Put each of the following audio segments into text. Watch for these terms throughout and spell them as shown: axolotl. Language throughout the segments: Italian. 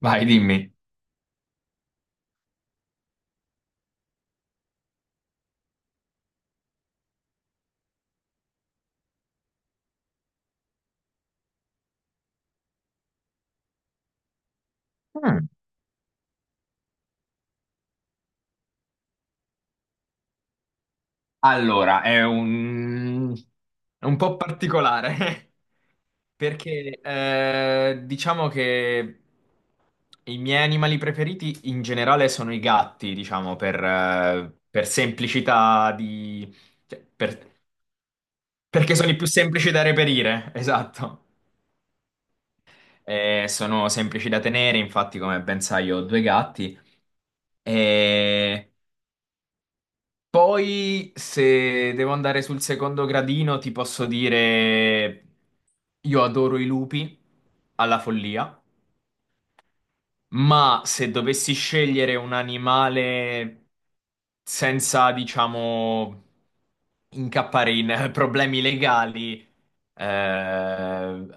Vai, dimmi. Mm. Allora, è un po' particolare perché diciamo che i miei animali preferiti in generale sono i gatti, diciamo, per semplicità di... cioè, per- perché sono i più semplici da reperire, esatto. Sono semplici da tenere, infatti, come ben sai, io ho due gatti. E poi, se devo andare sul secondo gradino, ti posso dire, io adoro i lupi alla follia, ma se dovessi scegliere un animale senza, diciamo, incappare in problemi legali, eh,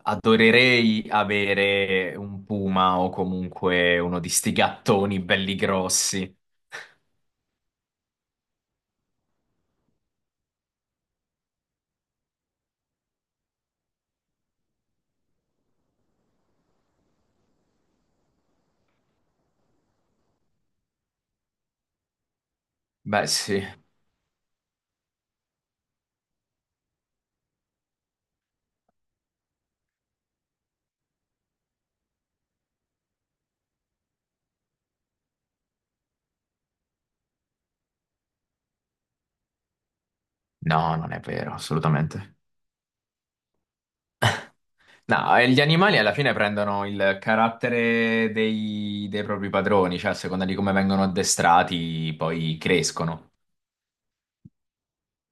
adorerei avere un puma o comunque uno di sti gattoni belli grossi. Beh, sì. No, non è vero, assolutamente. No, gli animali alla fine prendono il carattere dei propri padroni, cioè a seconda di come vengono addestrati, poi crescono.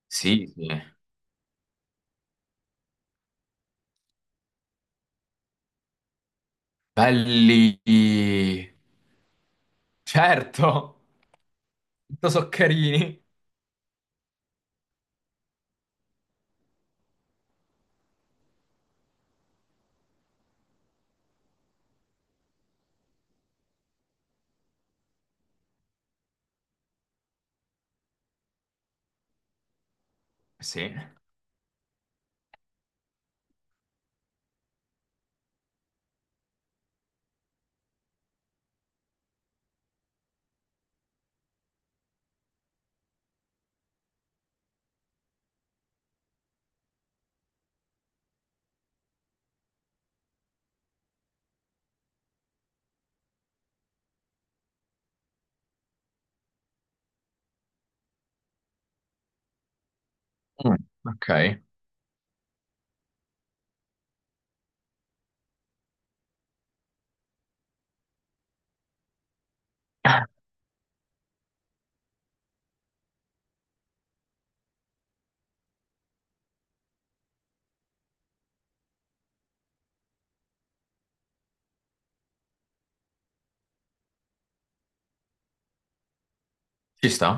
Sì, sì. Belli. Certo. Tutto soccherini. Sì. Mm, ok. Ci sta,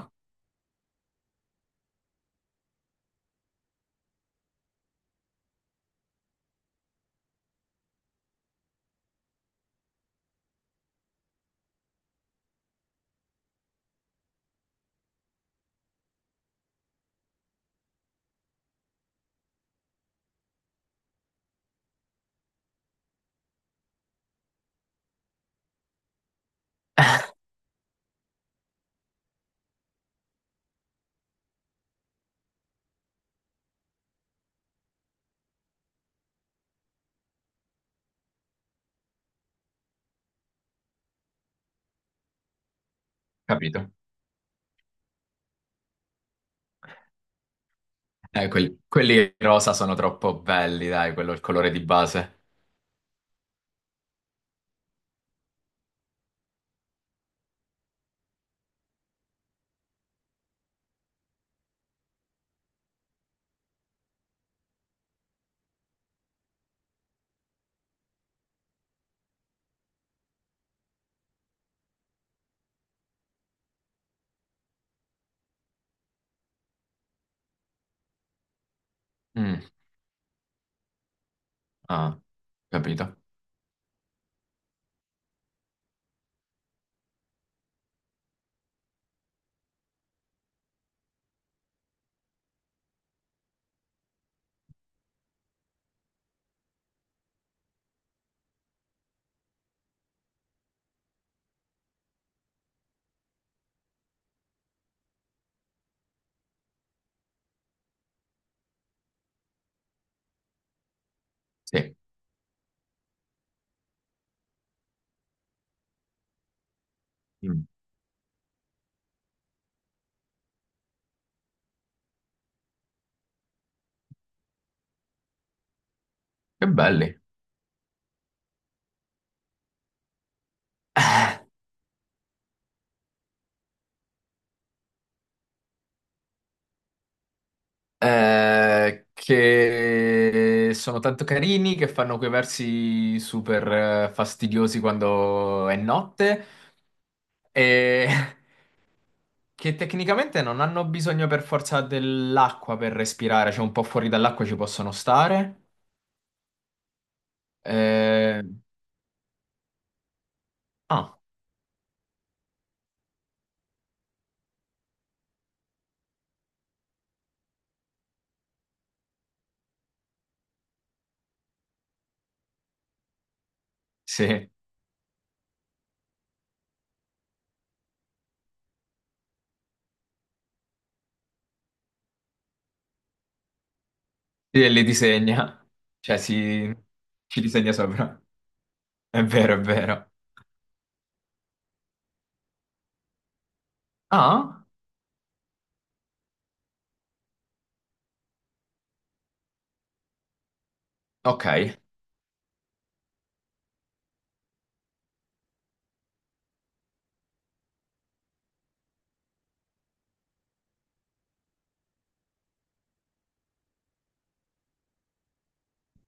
capito. Quelli rosa sono troppo belli, dai, quello è il colore di base. Mm, ah, capito. Sì. Mm. Che belli. Eh, che sono tanto carini, che fanno quei versi super fastidiosi quando è notte e che tecnicamente non hanno bisogno per forza dell'acqua per respirare, cioè un po' fuori dall'acqua ci possono stare. Eh, ah, sì, sì, e li disegna, cioè si... ci disegna sopra. È vero, è vero. Ah, ok.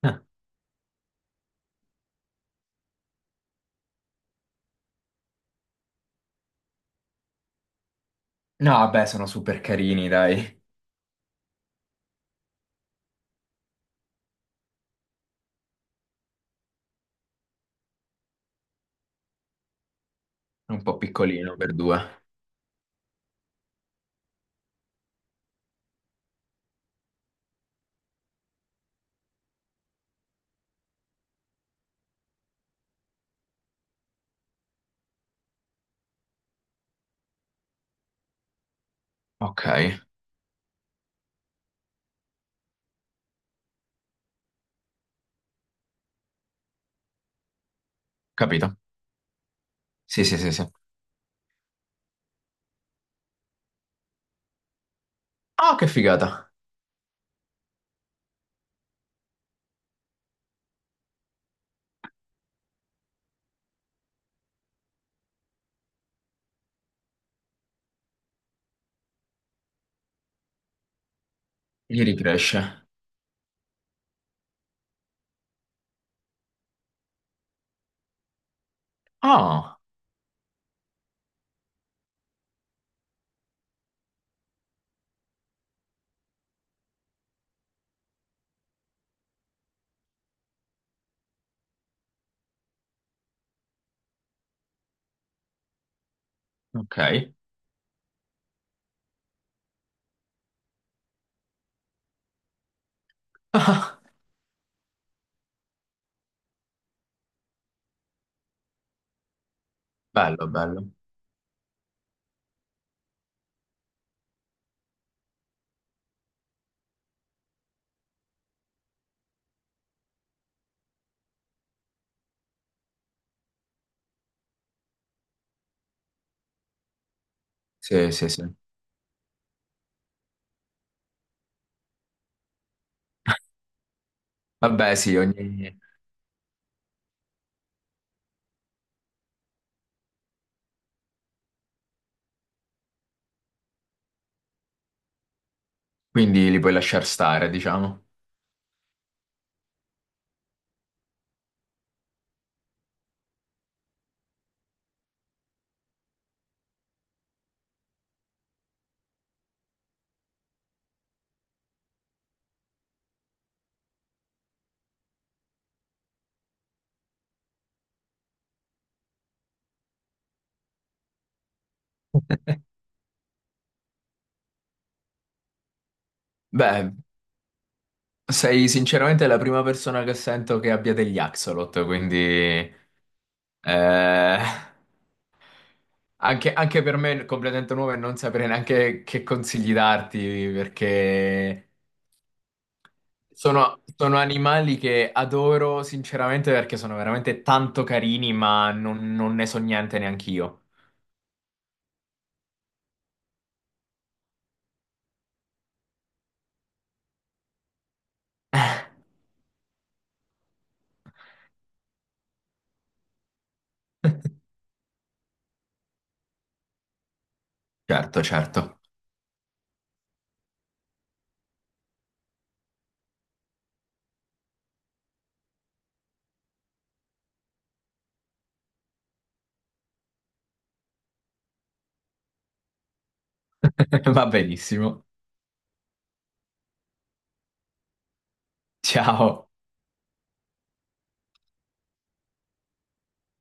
No, vabbè, sono super carini, dai. È un po' piccolino per due. Ok, capito. Sì, sì, sì, sì. Ah, che figata. Gli ricresce. Ah, ok. Bello, bello. Sì, sì, sì. Vabbè, sì, ogni... quindi li puoi lasciar stare, diciamo. Beh, sei sinceramente la prima persona che sento che abbia degli axolot, quindi... eh, anche, anche per me è completamente nuovo e non sapere neanche che consigli darti, perché... sono, sono animali che adoro sinceramente perché sono veramente tanto carini, ma non, non ne so niente neanche io. Certo, certo. Va benissimo. Ciao.